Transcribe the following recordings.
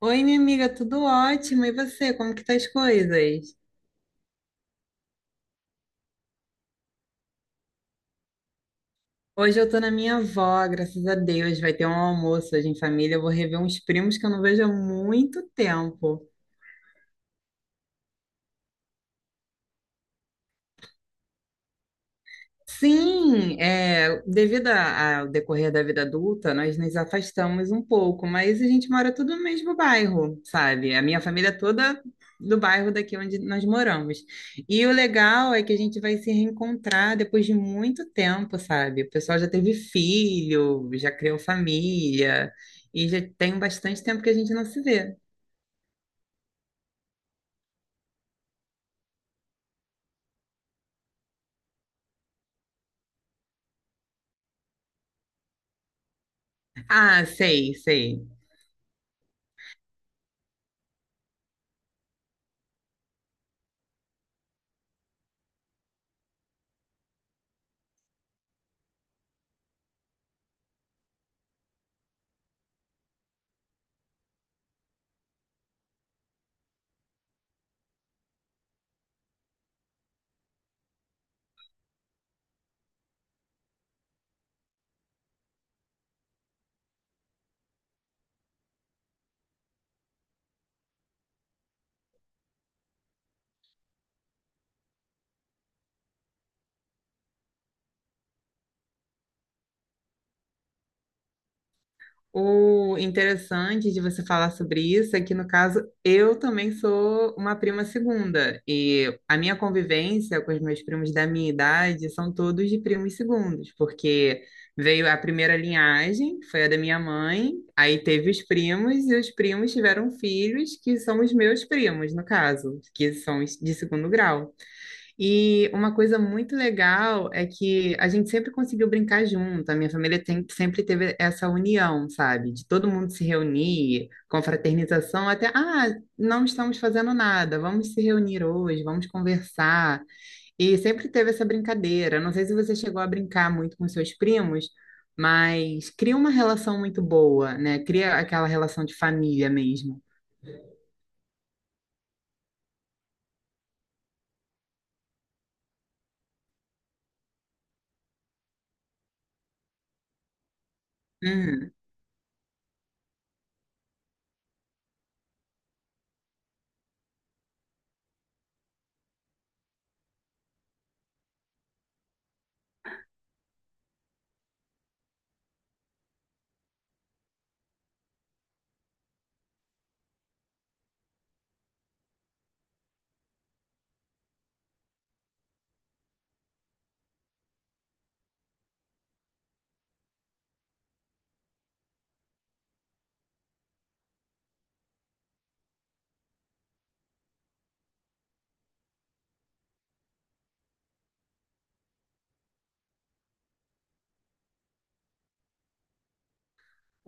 Oi, minha amiga, tudo ótimo. E você, como que tá as coisas? Hoje eu tô na minha avó, graças a Deus. Vai ter um almoço hoje em família. Eu vou rever uns primos que eu não vejo há muito tempo. Sim, é, ao decorrer da vida adulta, nós nos afastamos um pouco, mas a gente mora tudo no mesmo bairro, sabe? A minha família é toda do bairro daqui onde nós moramos. E o legal é que a gente vai se reencontrar depois de muito tempo, sabe? O pessoal já teve filho, já criou família, e já tem bastante tempo que a gente não se vê. Ah, sei, sei. O interessante de você falar sobre isso é que, no caso, eu também sou uma prima segunda. E a minha convivência com os meus primos da minha idade são todos de primos segundos, porque veio a primeira linhagem, foi a da minha mãe, aí teve os primos, e os primos tiveram filhos, que são os meus primos, no caso, que são de segundo grau. E uma coisa muito legal é que a gente sempre conseguiu brincar junto. A minha família tem- Sempre teve essa união, sabe? De todo mundo se reunir, confraternização, até, ah, não estamos fazendo nada, vamos se reunir hoje, vamos conversar. E sempre teve essa brincadeira. Não sei se você chegou a brincar muito com seus primos, mas cria uma relação muito boa, né? Cria aquela relação de família mesmo. Uhum.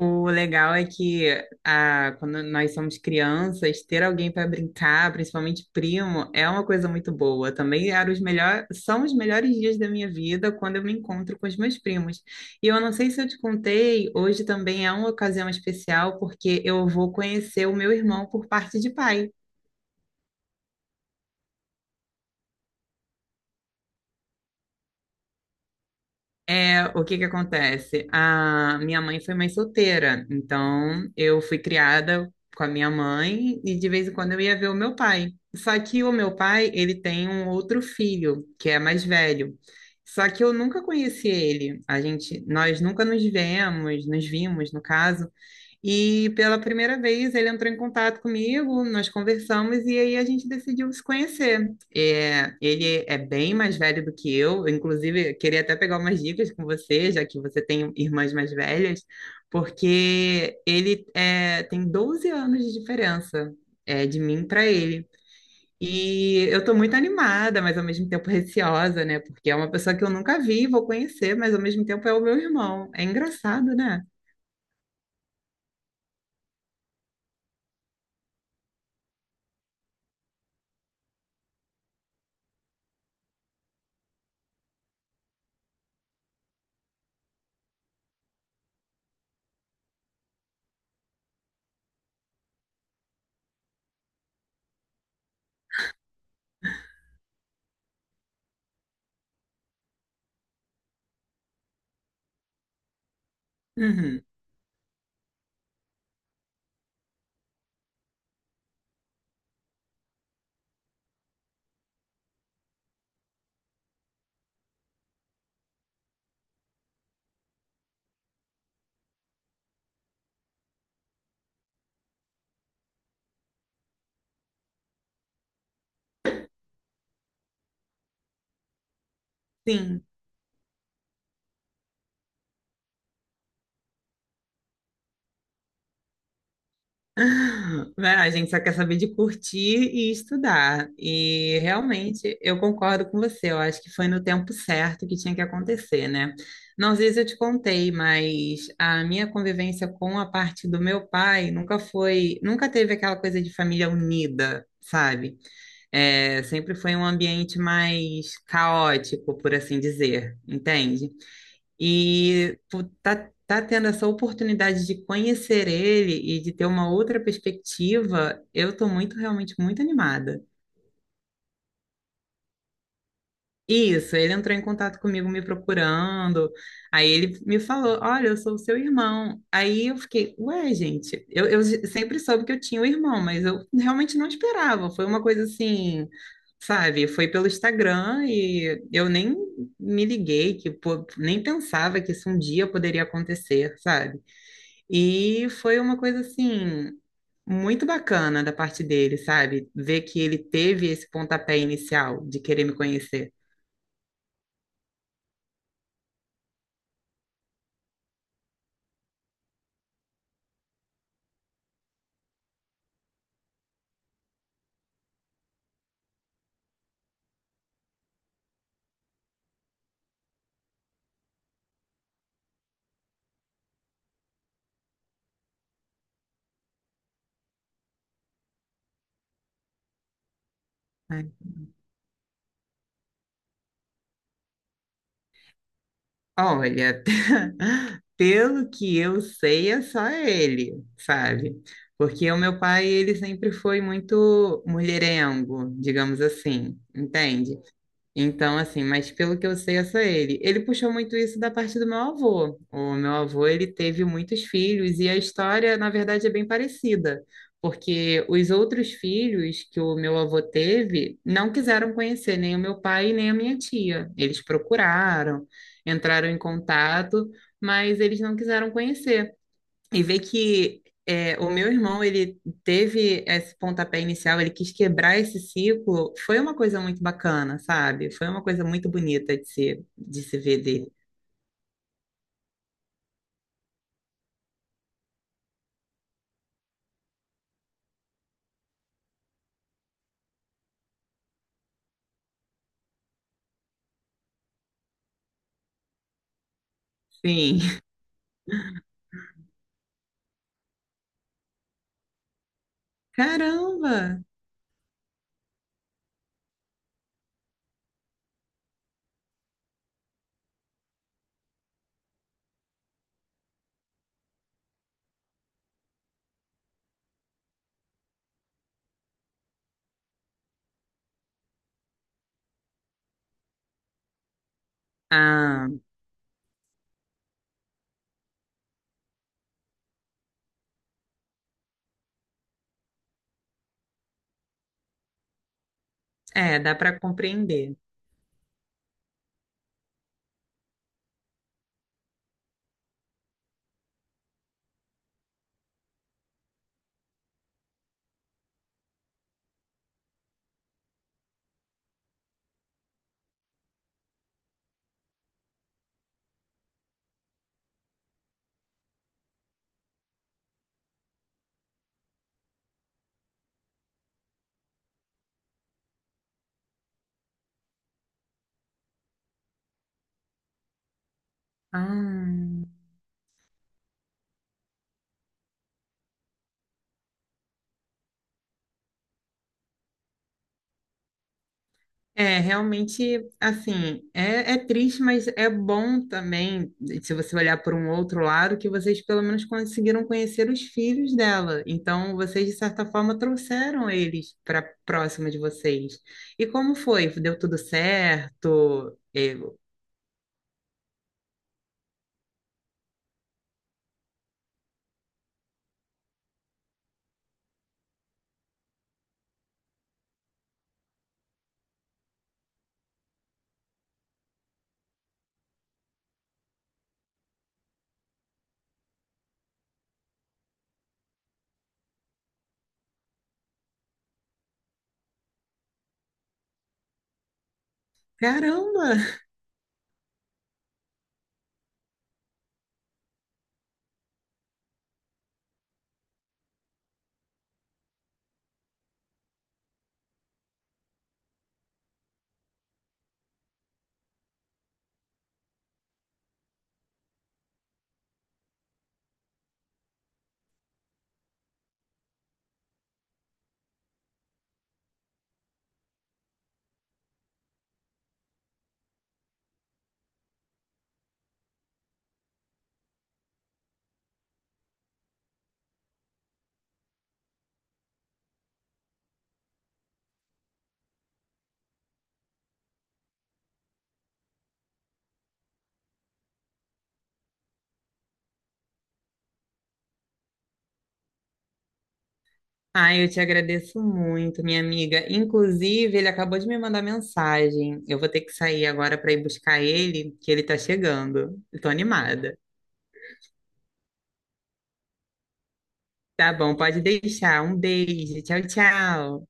O legal é que quando nós somos crianças, ter alguém para brincar, principalmente primo, é uma coisa muito boa. Também são os melhores dias da minha vida quando eu me encontro com os meus primos. E eu não sei se eu te contei, hoje também é uma ocasião especial porque eu vou conhecer o meu irmão por parte de pai. É, o que que acontece? A minha mãe foi mãe solteira, então eu fui criada com a minha mãe e de vez em quando eu ia ver o meu pai. Só que o meu pai, ele tem um outro filho, que é mais velho. Só que eu nunca conheci ele. A gente, nós nunca nos vemos, nos vimos, no caso. E pela primeira vez ele entrou em contato comigo, nós conversamos e aí a gente decidiu se conhecer. É, ele é bem mais velho do que eu, inclusive queria até pegar umas dicas com você, já que você tem irmãs mais velhas, porque tem 12 anos de diferença é, de mim para ele. E eu estou muito animada, mas ao mesmo tempo receosa, né? Porque é uma pessoa que eu nunca vi, vou conhecer, mas ao mesmo tempo é o meu irmão. É engraçado, né? Uhum. Sim. Né? A gente só quer saber de curtir e estudar. E realmente eu concordo com você. Eu acho que foi no tempo certo que tinha que acontecer, né? Não sei se eu te contei, mas a minha convivência com a parte do meu pai nunca teve aquela coisa de família unida, sabe? É, sempre foi um ambiente mais caótico, por assim dizer, entende? E tá tendo essa oportunidade de conhecer ele e de ter uma outra perspectiva, eu tô muito, realmente muito animada. Isso, ele entrou em contato comigo me procurando, aí ele me falou, olha, eu sou o seu irmão. Aí eu fiquei, ué, gente, eu sempre soube que eu tinha um irmão, mas eu realmente não esperava, foi uma coisa assim, sabe, foi pelo Instagram e eu nem me liguei, que pô, nem pensava que isso um dia poderia acontecer, sabe? E foi uma coisa assim muito bacana da parte dele, sabe? Ver que ele teve esse pontapé inicial de querer me conhecer. Ai, olha, pelo que eu sei, é só ele, sabe? Porque o meu pai, ele sempre foi muito mulherengo, digamos assim, entende? Então, assim, mas pelo que eu sei, é só ele. Ele puxou muito isso da parte do meu avô. O meu avô, ele teve muitos filhos e a história, na verdade, é bem parecida, porque os outros filhos que o meu avô teve não quiseram conhecer nem o meu pai nem a minha tia. Eles procuraram, entraram em contato, mas eles não quiseram conhecer e ver que é, o meu irmão ele teve esse pontapé inicial, ele quis quebrar esse ciclo, foi uma coisa muito bacana, sabe? Foi uma coisa muito bonita de se ver dele. Sim. Caramba! Ah, é, dá para compreender. Ah. É, realmente, assim, é, é triste, mas é bom também, se você olhar por um outro lado, que vocês pelo menos conseguiram conhecer os filhos dela. Então, vocês, de certa forma, trouxeram eles para próxima de vocês. E como foi? Deu tudo certo? Eu, caramba! Ah, eu te agradeço muito, minha amiga. Inclusive, ele acabou de me mandar mensagem. Eu vou ter que sair agora para ir buscar ele, que ele tá chegando. Eu tô animada. Tá bom, pode deixar. Um beijo. Tchau, tchau.